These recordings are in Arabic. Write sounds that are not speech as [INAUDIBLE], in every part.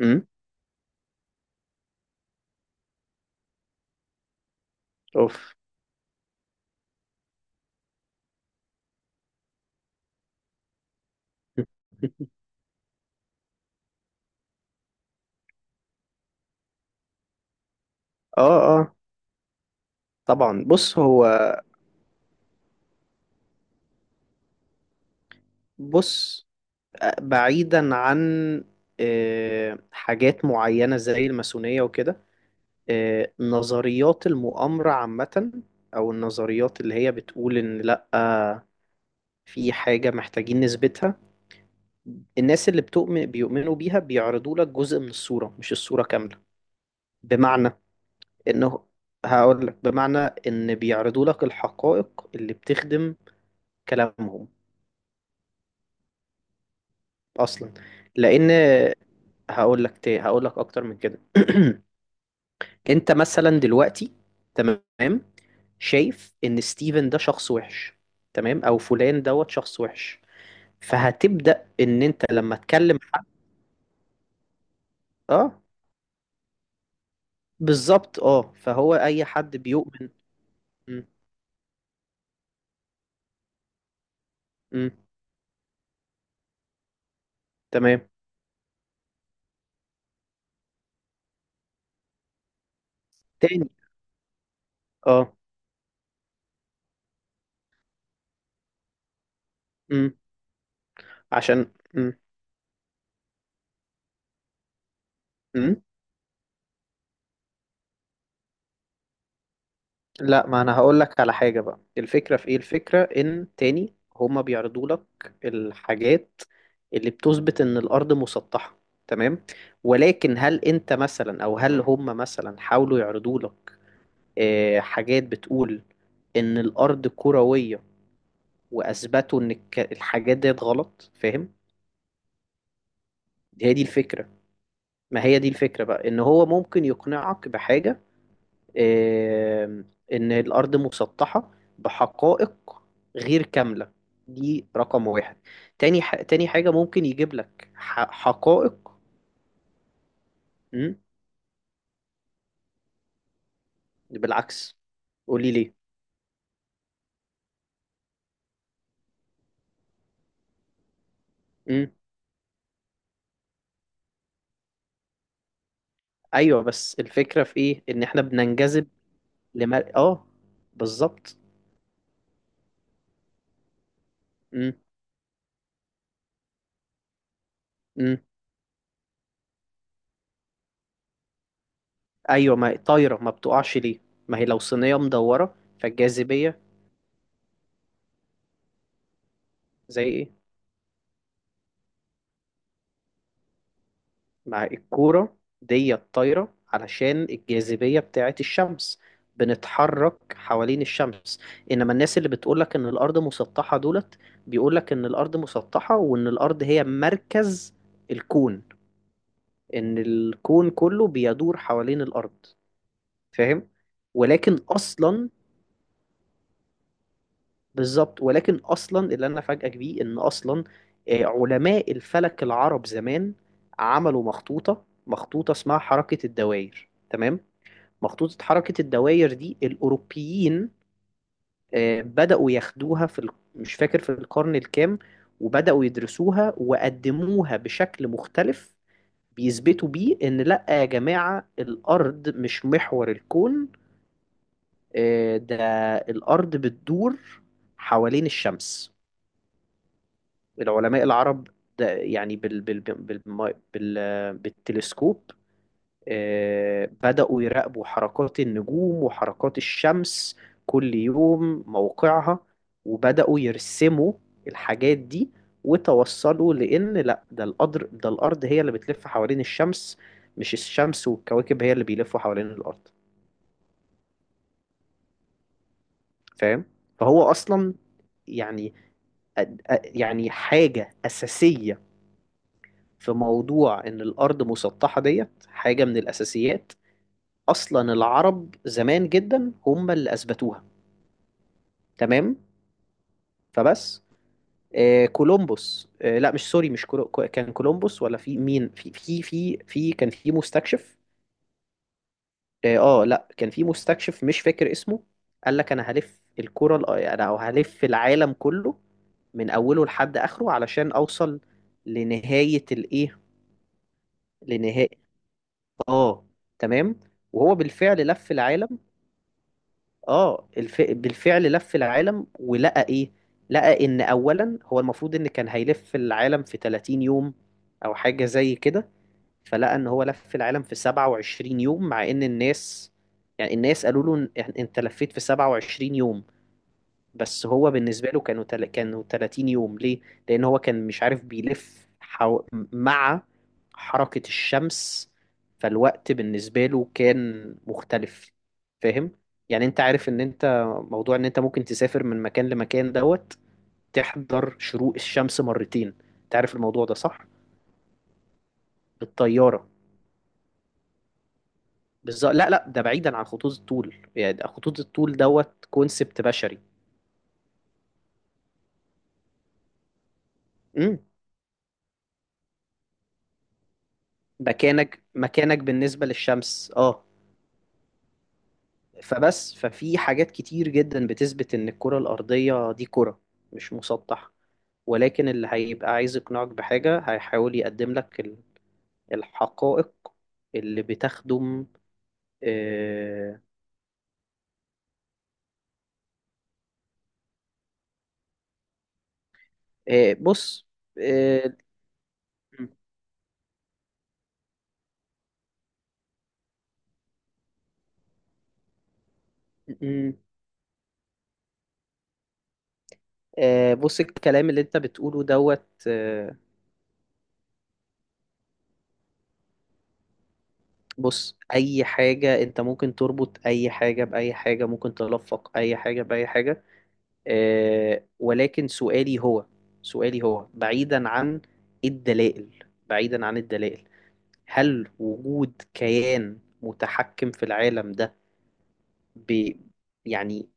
امم. اوف. [LAUGHS] اه اه. طبعا، بص هو بص. بعيدا عن حاجات معينة زي الماسونية وكده، نظريات المؤامرة عامة، أو النظريات اللي هي بتقول إن لأ، في حاجة محتاجين نثبتها. الناس اللي بتؤمن بيؤمنوا بيها بيعرضوا لك جزء من الصورة مش الصورة كاملة. بمعنى إنه، هقول لك بمعنى إن بيعرضوا لك الحقائق اللي بتخدم كلامهم اصلا. لان هقول لك اكتر من كده. [CLEARS THROAT] انت مثلا دلوقتي، تمام، شايف ان ستيفن ده شخص وحش، تمام، او فلان دوت شخص وحش. فهتبدأ ان انت لما تكلم حد. اه، بالظبط، اه، فهو اي حد بيؤمن. م- م. تمام. تاني، اه. م. عشان م. م. لا، ما انا هقول لك على حاجة بقى. الفكرة في ايه؟ الفكرة ان تاني هما بيعرضوا لك الحاجات اللي بتثبت ان الارض مسطحة، تمام. ولكن هل انت مثلا او هل هما مثلا حاولوا يعرضوا لك حاجات بتقول ان الارض كروية واثبتوا ان الحاجات ديت غلط؟ فاهم؟ هي دي الفكرة. ما هي دي الفكرة بقى ان هو ممكن يقنعك بحاجة، إن الأرض مسطحة بحقائق غير كاملة. دي رقم واحد. تاني تاني حاجة ممكن يجيب لك حقائق. مم؟ بالعكس، قولي ليه. مم؟ أيوة، بس الفكرة في إيه؟ إن إحنا بننجذب لما آه، بالظبط. مم؟ مم؟ أيوة، ما طايرة، ما بتقعش ليه؟ ما هي لو صينية مدورة فالجاذبية. زي إيه؟ مع الكورة دي الطايرة علشان الجاذبية بتاعت الشمس، بنتحرك حوالين الشمس. إنما الناس اللي بتقولك إن الأرض مسطحة دولت، بيقولك إن الأرض مسطحة وإن الأرض هي مركز الكون، إن الكون كله بيدور حوالين الأرض. فاهم؟ ولكن أصلا، بالظبط، ولكن أصلا اللي أنا أفاجئك بيه إن أصلا علماء الفلك العرب زمان عملوا مخطوطة اسمها حركة الدوائر، تمام؟ مخطوطة حركة الدواير دي الأوروبيين بدأوا ياخدوها في مش فاكر في القرن الكام. وبدأوا يدرسوها وقدموها بشكل مختلف، بيثبتوا بيه إن لأ يا جماعة الأرض مش محور الكون. ده الأرض بتدور حوالين الشمس، العلماء العرب. ده يعني بالتلسكوب. بدأوا يراقبوا حركات النجوم وحركات الشمس كل يوم موقعها، وبدأوا يرسموا الحاجات دي. وتوصلوا لأن لا، ده القدر، ده الأرض هي اللي بتلف حوالين الشمس، مش الشمس والكواكب هي اللي بيلفوا حوالين الأرض. فاهم؟ فهو أصلا، يعني يعني حاجة أساسية في موضوع إن الأرض مسطحة ديت. حاجة من الأساسيات، أصلا العرب زمان جدا هم اللي أثبتوها، تمام. فبس، آه كولومبوس، آه لا مش سوري، مش كان كولومبوس، ولا في مين، في في في في كان في مستكشف. اه، لا كان في مستكشف مش فاكر اسمه. قال لك انا هلف انا هلف العالم كله من اوله لحد اخره علشان اوصل لنهاية الايه، لنهاية، اه، تمام. وهو بالفعل لف العالم. اه، بالفعل لف العالم ولقى ايه؟ لقى ان اولا هو المفروض ان كان هيلف العالم في 30 يوم او حاجة زي كده. فلقى ان هو لف العالم في 27 يوم، مع ان الناس، يعني الناس قالوا له انت لفيت في 27 يوم. بس هو بالنسبة له كانوا كانوا 30 يوم. ليه؟ لأن هو كان مش عارف بيلف مع حركة الشمس، فالوقت بالنسبة له كان مختلف. فاهم؟ يعني انت عارف ان انت، موضوع ان انت ممكن تسافر من مكان لمكان دوت تحضر شروق الشمس مرتين. انت عارف الموضوع ده، صح؟ بالطيارة. بالظبط، لا لا، ده بعيدا عن خطوط الطول، يعني ده خطوط الطول دوت كونسبت بشري. امم. مكانك، مكانك بالنسبة للشمس، اه. فبس ففي حاجات كتير جدا بتثبت ان الكرة الأرضية دي كرة، مش مسطح. ولكن اللي هيبقى عايز يقنعك بحاجة هيحاول يقدم لك الحقائق اللي بتخدم. آه، بص. آه، م- بص الكلام اللي انت بتقوله دوت. بص، اي حاجة انت ممكن تربط اي حاجة بأي حاجة، ممكن تلفق اي حاجة بأي حاجة. ولكن سؤالي هو، سؤالي هو بعيدا عن الدلائل، بعيدا عن الدلائل، هل وجود كيان متحكم في العالم ده، ب، يعني،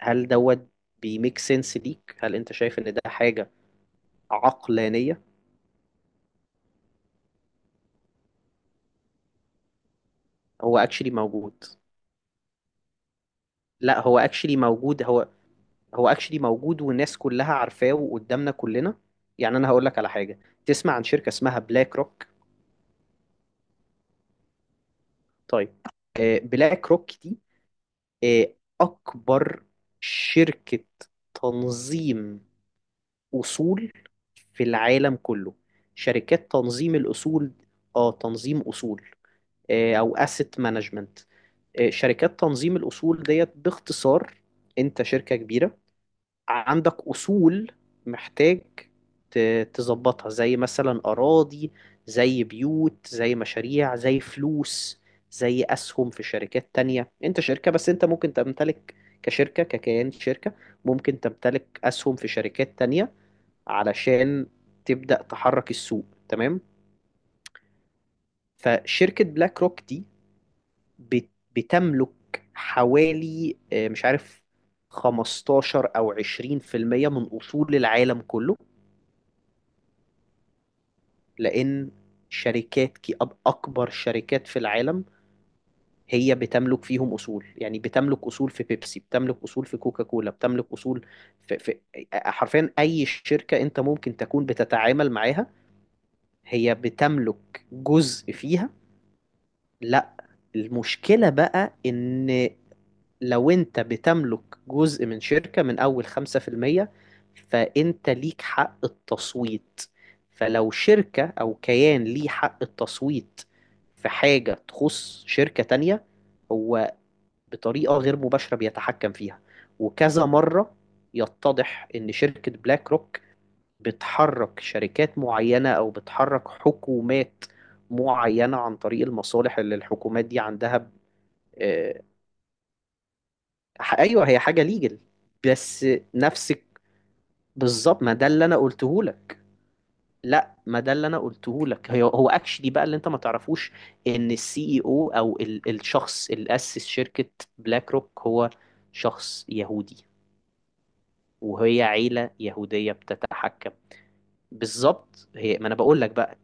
هل دوت بيميك سنس ليك؟ هل انت شايف ان ده حاجة عقلانية؟ هو اكشلي موجود. لا، هو اكشلي موجود، هو اكشلي موجود، والناس كلها عارفاه وقدامنا كلنا. يعني انا هقول لك على حاجة. تسمع عن شركة اسمها بلاك روك؟ طيب. بلاك روك دي آه، أكبر شركة تنظيم أصول في العالم كله. شركات تنظيم الأصول، آه، تنظيم أصول، أو asset management. شركات تنظيم الأصول ديت باختصار، أنت شركة كبيرة عندك أصول محتاج تظبطها، زي مثلا أراضي زي بيوت زي مشاريع زي فلوس، زي أسهم في شركات تانية. أنت شركة، بس أنت ممكن تمتلك، كشركة ككيان شركة ممكن تمتلك أسهم في شركات تانية علشان تبدأ تحرك السوق، تمام. فشركة بلاك روك دي بت- بتملك حوالي، مش عارف، 15 أو 20% من أصول العالم كله. لأن شركات أكبر شركات في العالم هي بتملك فيهم أصول. يعني بتملك أصول في بيبسي، بتملك أصول في كوكا كولا، بتملك أصول في, في حرفيا أي شركة أنت ممكن تكون بتتعامل معاها، هي بتملك جزء فيها. لا، المشكلة بقى إن لو انت بتملك جزء من شركة من اول 5%، فانت ليك حق التصويت. فلو شركة او كيان ليه حق التصويت في حاجة تخص شركة تانية، هو بطريقة غير مباشرة بيتحكم فيها. وكذا مرة يتضح ان شركة بلاك روك بتحرك شركات معينة او بتحرك حكومات معينة عن طريق المصالح اللي الحكومات دي عندها. آه، ايوه، هي حاجه ليجل بس. نفسك. بالظبط، ما ده اللي انا قلته لك. لا، ما ده اللي انا قلته لك، هي، هو اكشلي بقى اللي انت ما تعرفوش ان السي اي او، او الشخص اللي اسس شركه بلاك روك، هو شخص يهودي، وهي عيله يهوديه بتتحكم. بالظبط، هي ما انا بقول لك بقى.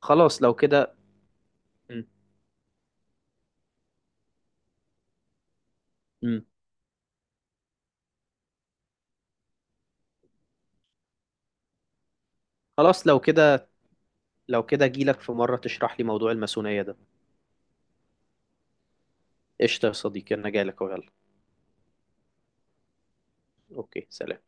خلاص لو كده. م- م. خلاص لو كده، لو كده جيلك في مره تشرح لي موضوع الماسونيه ده. قشطه يا صديقي، انا جاي لك، يلا. اوكي، سلام.